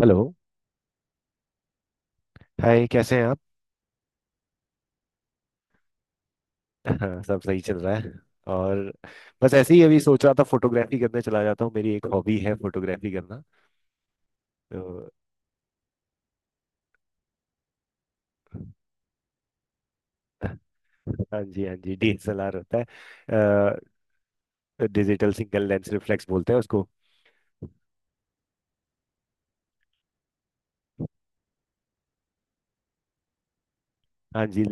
Hello. Hi, कैसे हैं आप? हाँ, सब सही चल रहा है। और बस ऐसे ही अभी सोच रहा था फोटोग्राफी करने चला जाता हूँ। मेरी एक हॉबी है फोटोग्राफी करना। तो हाँ जी, हाँ जी, डीएसएलआर होता है। डिजिटल सिंगल लेंस रिफ्लेक्स बोलते हैं उसको। हाँ जी।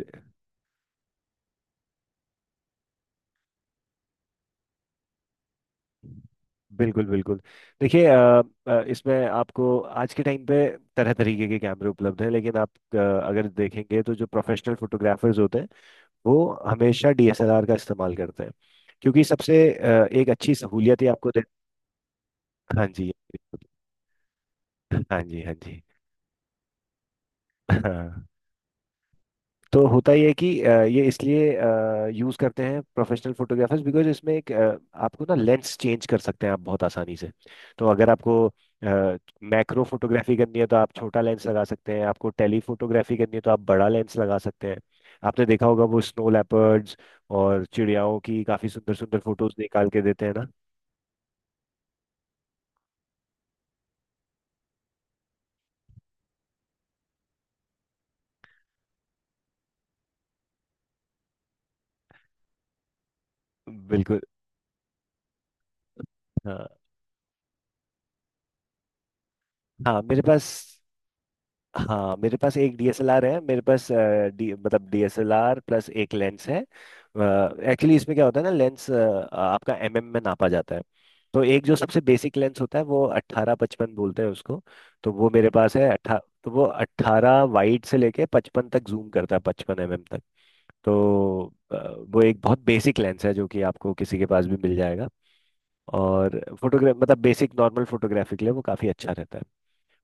बिल्कुल बिल्कुल। देखिए, इसमें आपको आज के टाइम पे तरह तरीके के कैमरे उपलब्ध हैं। लेकिन आप अगर देखेंगे तो जो प्रोफेशनल फोटोग्राफर्स होते हैं वो हमेशा डीएसएलआर का इस्तेमाल करते हैं। क्योंकि सबसे एक अच्छी सहूलियत ही आपको। हाँ जी, हाँ जी, हाँ जी। हाँ तो होता ही है कि ये इसलिए यूज़ करते हैं प्रोफेशनल फोटोग्राफर्स, बिकॉज इसमें एक आपको ना लेंस चेंज कर सकते हैं आप बहुत आसानी से। तो अगर आपको मैक्रो फोटोग्राफी करनी है तो आप छोटा लेंस लगा सकते हैं, आपको टेली फोटोग्राफी करनी है तो आप बड़ा लेंस लगा सकते हैं। आपने देखा होगा वो स्नो लेपर्ड्स और चिड़ियाओं की काफ़ी सुंदर सुंदर फोटोज निकाल के देते हैं ना। बिल्कुल। हाँ। हाँ मेरे पास हाँ मेरे पास एक डीएसएलआर है। मेरे पास डी मतलब डीएसएलआर प्लस एक लेंस है। एक्चुअली इसमें क्या होता है ना, लेंस आपका एमएम में नापा जाता है। तो एक जो सबसे बेसिक लेंस होता है वो अट्ठारह पचपन बोलते हैं उसको। तो वो मेरे पास है अट्ठा तो वो अट्ठारह वाइड से लेके पचपन तक जूम करता है, पचपन एमएम तक। तो अ, वो एक बहुत बेसिक लेंस है जो कि आपको किसी के पास भी मिल जाएगा। और फोटोग्राफ मतलब बेसिक नॉर्मल फोटोग्राफी के लिए वो काफ़ी अच्छा रहता है।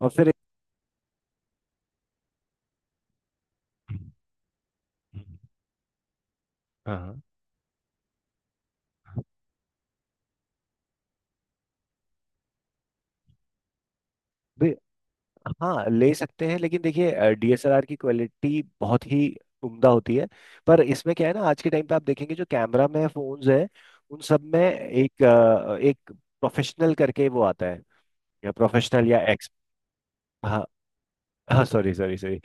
और फिर हम्म, हाँ। भी- हाँ ले सकते हैं, लेकिन देखिए डीएसएलआर की क्वालिटी बहुत ही उम्दा होती है। पर इसमें क्या है ना, आज के टाइम पे आप देखेंगे जो कैमरा में फोन्स हैं उन सब में एक एक प्रोफेशनल करके वो आता है, या प्रोफेशनल या एक्स। हाँ। हाँ सॉरी सॉरी सॉरी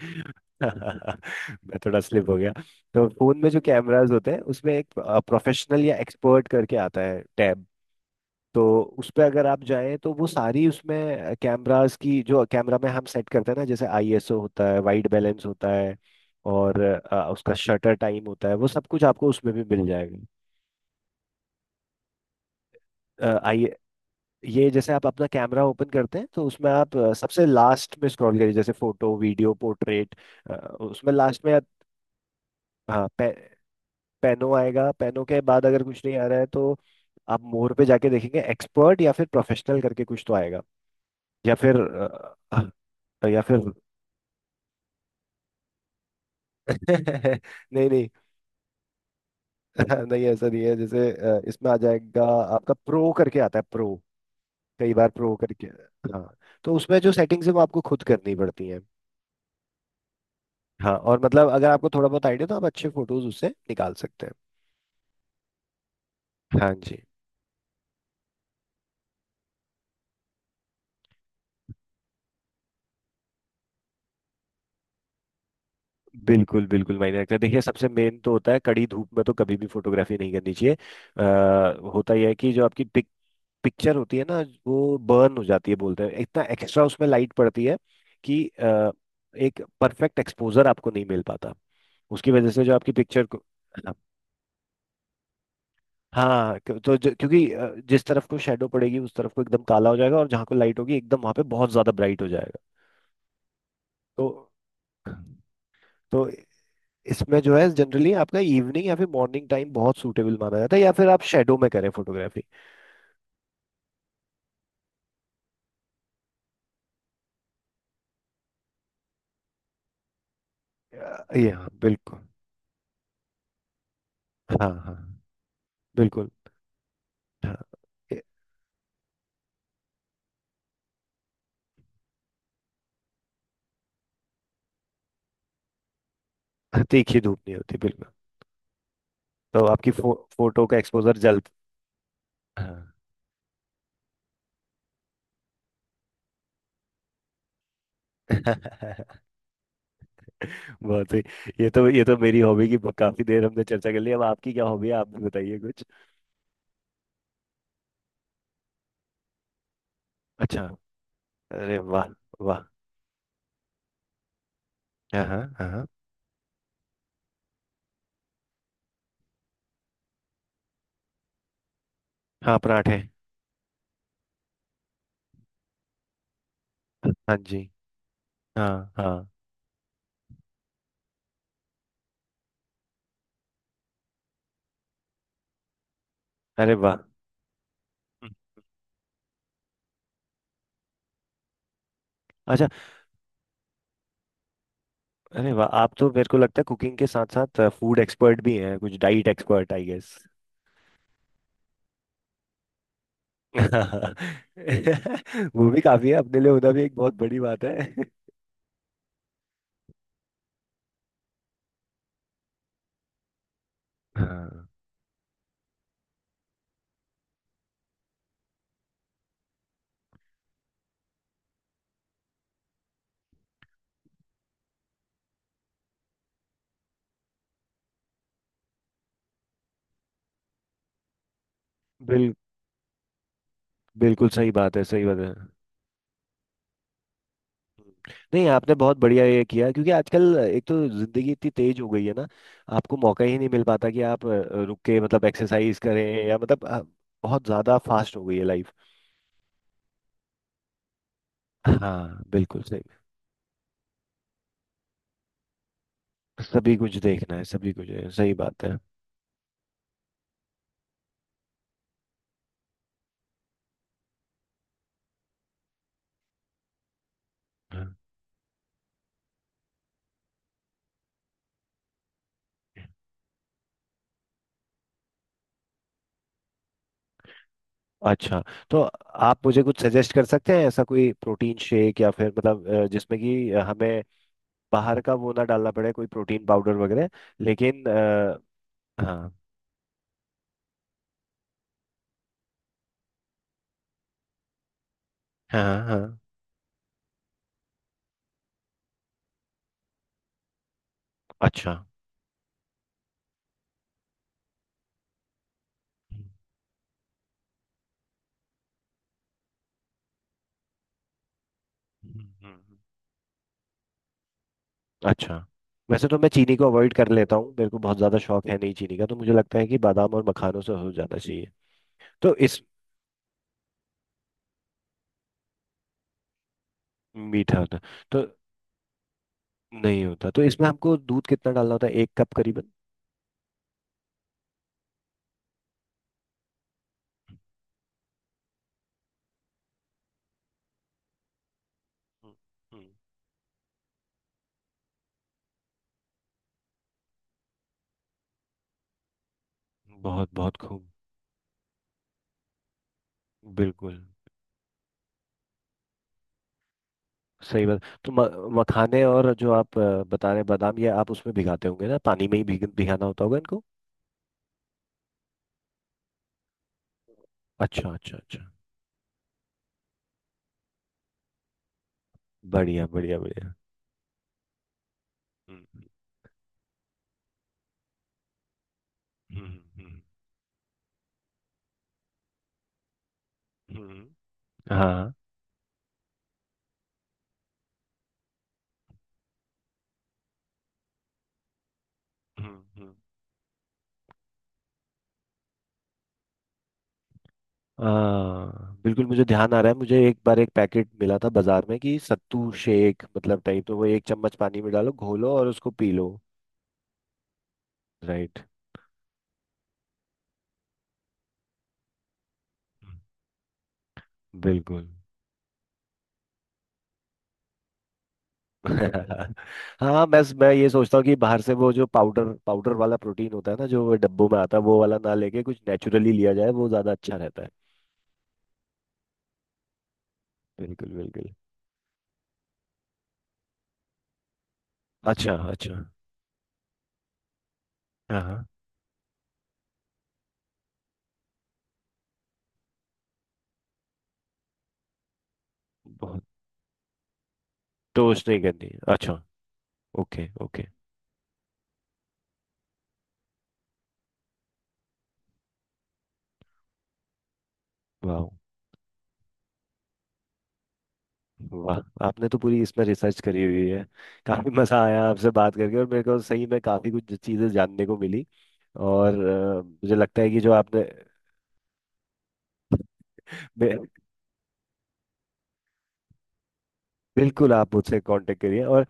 मैं थोड़ा स्लिप हो गया। तो फोन में जो कैमरास होते हैं उसमें एक प्रोफेशनल या एक्सपर्ट करके आता है टैब। तो उस पर अगर आप जाएं तो वो सारी उसमें कैमरास की, जो कैमरा में हम सेट करते हैं ना, जैसे आईएसओ होता है, वाइट बैलेंस होता है और उसका शटर टाइम होता है, वो सब कुछ आपको उसमें भी मिल जाएगा। अ, आई ये जैसे आप अपना कैमरा ओपन करते हैं तो उसमें आप सबसे लास्ट में स्क्रॉल करिए, जैसे फोटो वीडियो पोर्ट्रेट। उसमें लास्ट में आप- हाँ पेनो आएगा। पेनो के बाद अगर कुछ नहीं आ रहा है तो आप मोर पे जाके देखेंगे एक्सपर्ट या फिर प्रोफेशनल करके कुछ तो आएगा। या फिर अ, या फिर। नहीं नहीं। नहीं ऐसा नहीं है, जैसे इसमें आ जाएगा आपका प्रो करके आता है, प्रो। कई बार प्रो करके। हाँ। तो उसमें जो सेटिंग्स है वो आपको खुद करनी पड़ती हैं। हाँ, और मतलब अगर आपको थोड़ा बहुत आइडिया तो आप अच्छे फोटोज उससे निकाल सकते हैं। हाँ जी। बिल्कुल बिल्कुल मायने रखता है। देखिए सबसे मेन तो होता है कड़ी धूप में तो कभी भी फोटोग्राफी नहीं करनी चाहिए। आ, होता यह है कि जो आपकी पिक्चर होती है ना वो बर्न हो जाती है बोलते हैं, इतना एक्स्ट्रा उसमें लाइट पड़ती है कि एक परफेक्ट एक्सपोजर आपको नहीं मिल पाता, उसकी वजह से जो आपकी पिक्चर को। क्योंकि जिस तरफ को शेडो पड़ेगी उस तरफ को एकदम काला हो जाएगा, और जहाँ को लाइट होगी एकदम वहां पे बहुत ज्यादा ब्राइट हो जाएगा। तो तो इसमें जो है जनरली आपका इवनिंग या फिर मॉर्निंग टाइम बहुत सूटेबल माना जाता है, या फिर आप शेडो में करें फोटोग्राफी। ये हाँ, बिल्कुल। हाँ हाँ। बिल्कुल। हाँ। ये- तीखी धूप नहीं होती, बिल्कुल। तो आपकी फोटो का एक्सपोजर जल्द। हाँ। बहुत सही। ये तो मेरी हॉबी की काफी देर हमने चर्चा कर ली, अब आपकी क्या हॉबी है आप भी बताइए कुछ। अच्छा। अरे वाह। वाह। हाँ हाँ। हाँ, हाँ पराठे। हाँ जी। हाँ हाँ। अरे वाह। हम्म। अच्छा। अरे वाह, आप तो मेरे को लगता है कुकिंग के साथ साथ फूड एक्सपर्ट भी हैं, कुछ डाइट एक्सपर्ट आई गेस। वो भी काफी है, अपने लिए होना भी एक बहुत बड़ी बात है। हाँ। बिल बिल्कुल सही बात है, सही बात है। नहीं आपने बहुत बढ़िया ये किया, क्योंकि आजकल एक तो जिंदगी इतनी तेज हो गई है ना, आपको मौका ही नहीं मिल पाता कि आप रुक के मतलब एक्सरसाइज करें या मतलब बहुत ज्यादा फास्ट हो गई है लाइफ। हाँ बिल्कुल सही। सभी कुछ देखना है, सभी कुछ है, सही बात है। हाँ। अच्छा तो आप मुझे कुछ सजेस्ट कर सकते हैं ऐसा कोई प्रोटीन शेक या फिर मतलब जिसमें कि हमें बाहर का वो ना डालना पड़े कोई प्रोटीन पाउडर वगैरह, लेकिन अ, हाँ। हाँ हाँ। अच्छा। हम्म, हम्म, हम्म। अच्छा वैसे तो मैं चीनी को अवॉइड कर लेता हूँ, मेरे को बहुत ज़्यादा शौक है नहीं चीनी का, तो मुझे लगता है कि बादाम और मखानों से हो जाना चाहिए। तो इस मीठा होता तो नहीं होता तो इसमें हमको दूध कितना डालना होता है, एक कप करीबन? हम्म, हम्म। बहुत बहुत खूब। बिल्कुल। सही बात। तो मखाने और जो आप बता रहे हैं बादाम, ये आप उसमें भिगाते होंगे ना पानी में ही भिगाना होता होगा इनको? अच्छा अच्छा अच्छा। बढ़िया बढ़िया बढ़िया। हम्म। हम्म। हम्म। हम्म। हाँ। हम्म। हाँ बिल्कुल, मुझे ध्यान आ रहा है, मुझे एक बार एक पैकेट मिला था बाजार में कि सत्तू शेक मतलब टाइप, तो वो एक चम्मच पानी में डालो घोलो और उसको पी लो। राइट। हम्म। बिल्कुल। हाँ मैं ये सोचता हूँ कि बाहर से वो जो पाउडर पाउडर वाला प्रोटीन होता है ना, जो डब्बों में आता है वो वाला ना लेके कुछ नेचुरली लिया जाए वो ज्यादा अच्छा रहता है। बिल्कुल बिल्कुल। अच्छा अच्छा। हाँ हाँ। बहुत। टोस्ट नहीं करनी, अच्छा। Okay okay. वाह। वाह आपने तो पूरी इसमें रिसर्च करी हुई है। काफी मजा आया आपसे बात करके और मेरे को सही में काफी कुछ चीजें जानने को मिली। और मुझे लगता है कि जो आपने। बिल्कुल, आप मुझसे कांटेक्ट करिए, और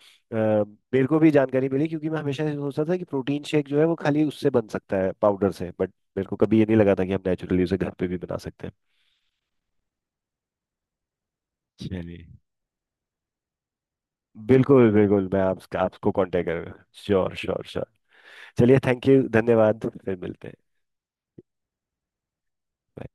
मेरे को भी जानकारी मिली क्योंकि मैं हमेशा ये सोचता था कि प्रोटीन शेक जो है वो खाली उससे बन सकता है पाउडर से, बट मेरे को कभी ये नहीं लगा था कि हम नेचुरली उसे घर पे भी बना सकते हैं। चलिए। बिल्कुल बिल्कुल, मैं आपको कांटेक्ट करूंगा, श्योर श्योर श्योर। चलिए थैंक यू, धन्यवाद, फिर मिलते हैं। Bye.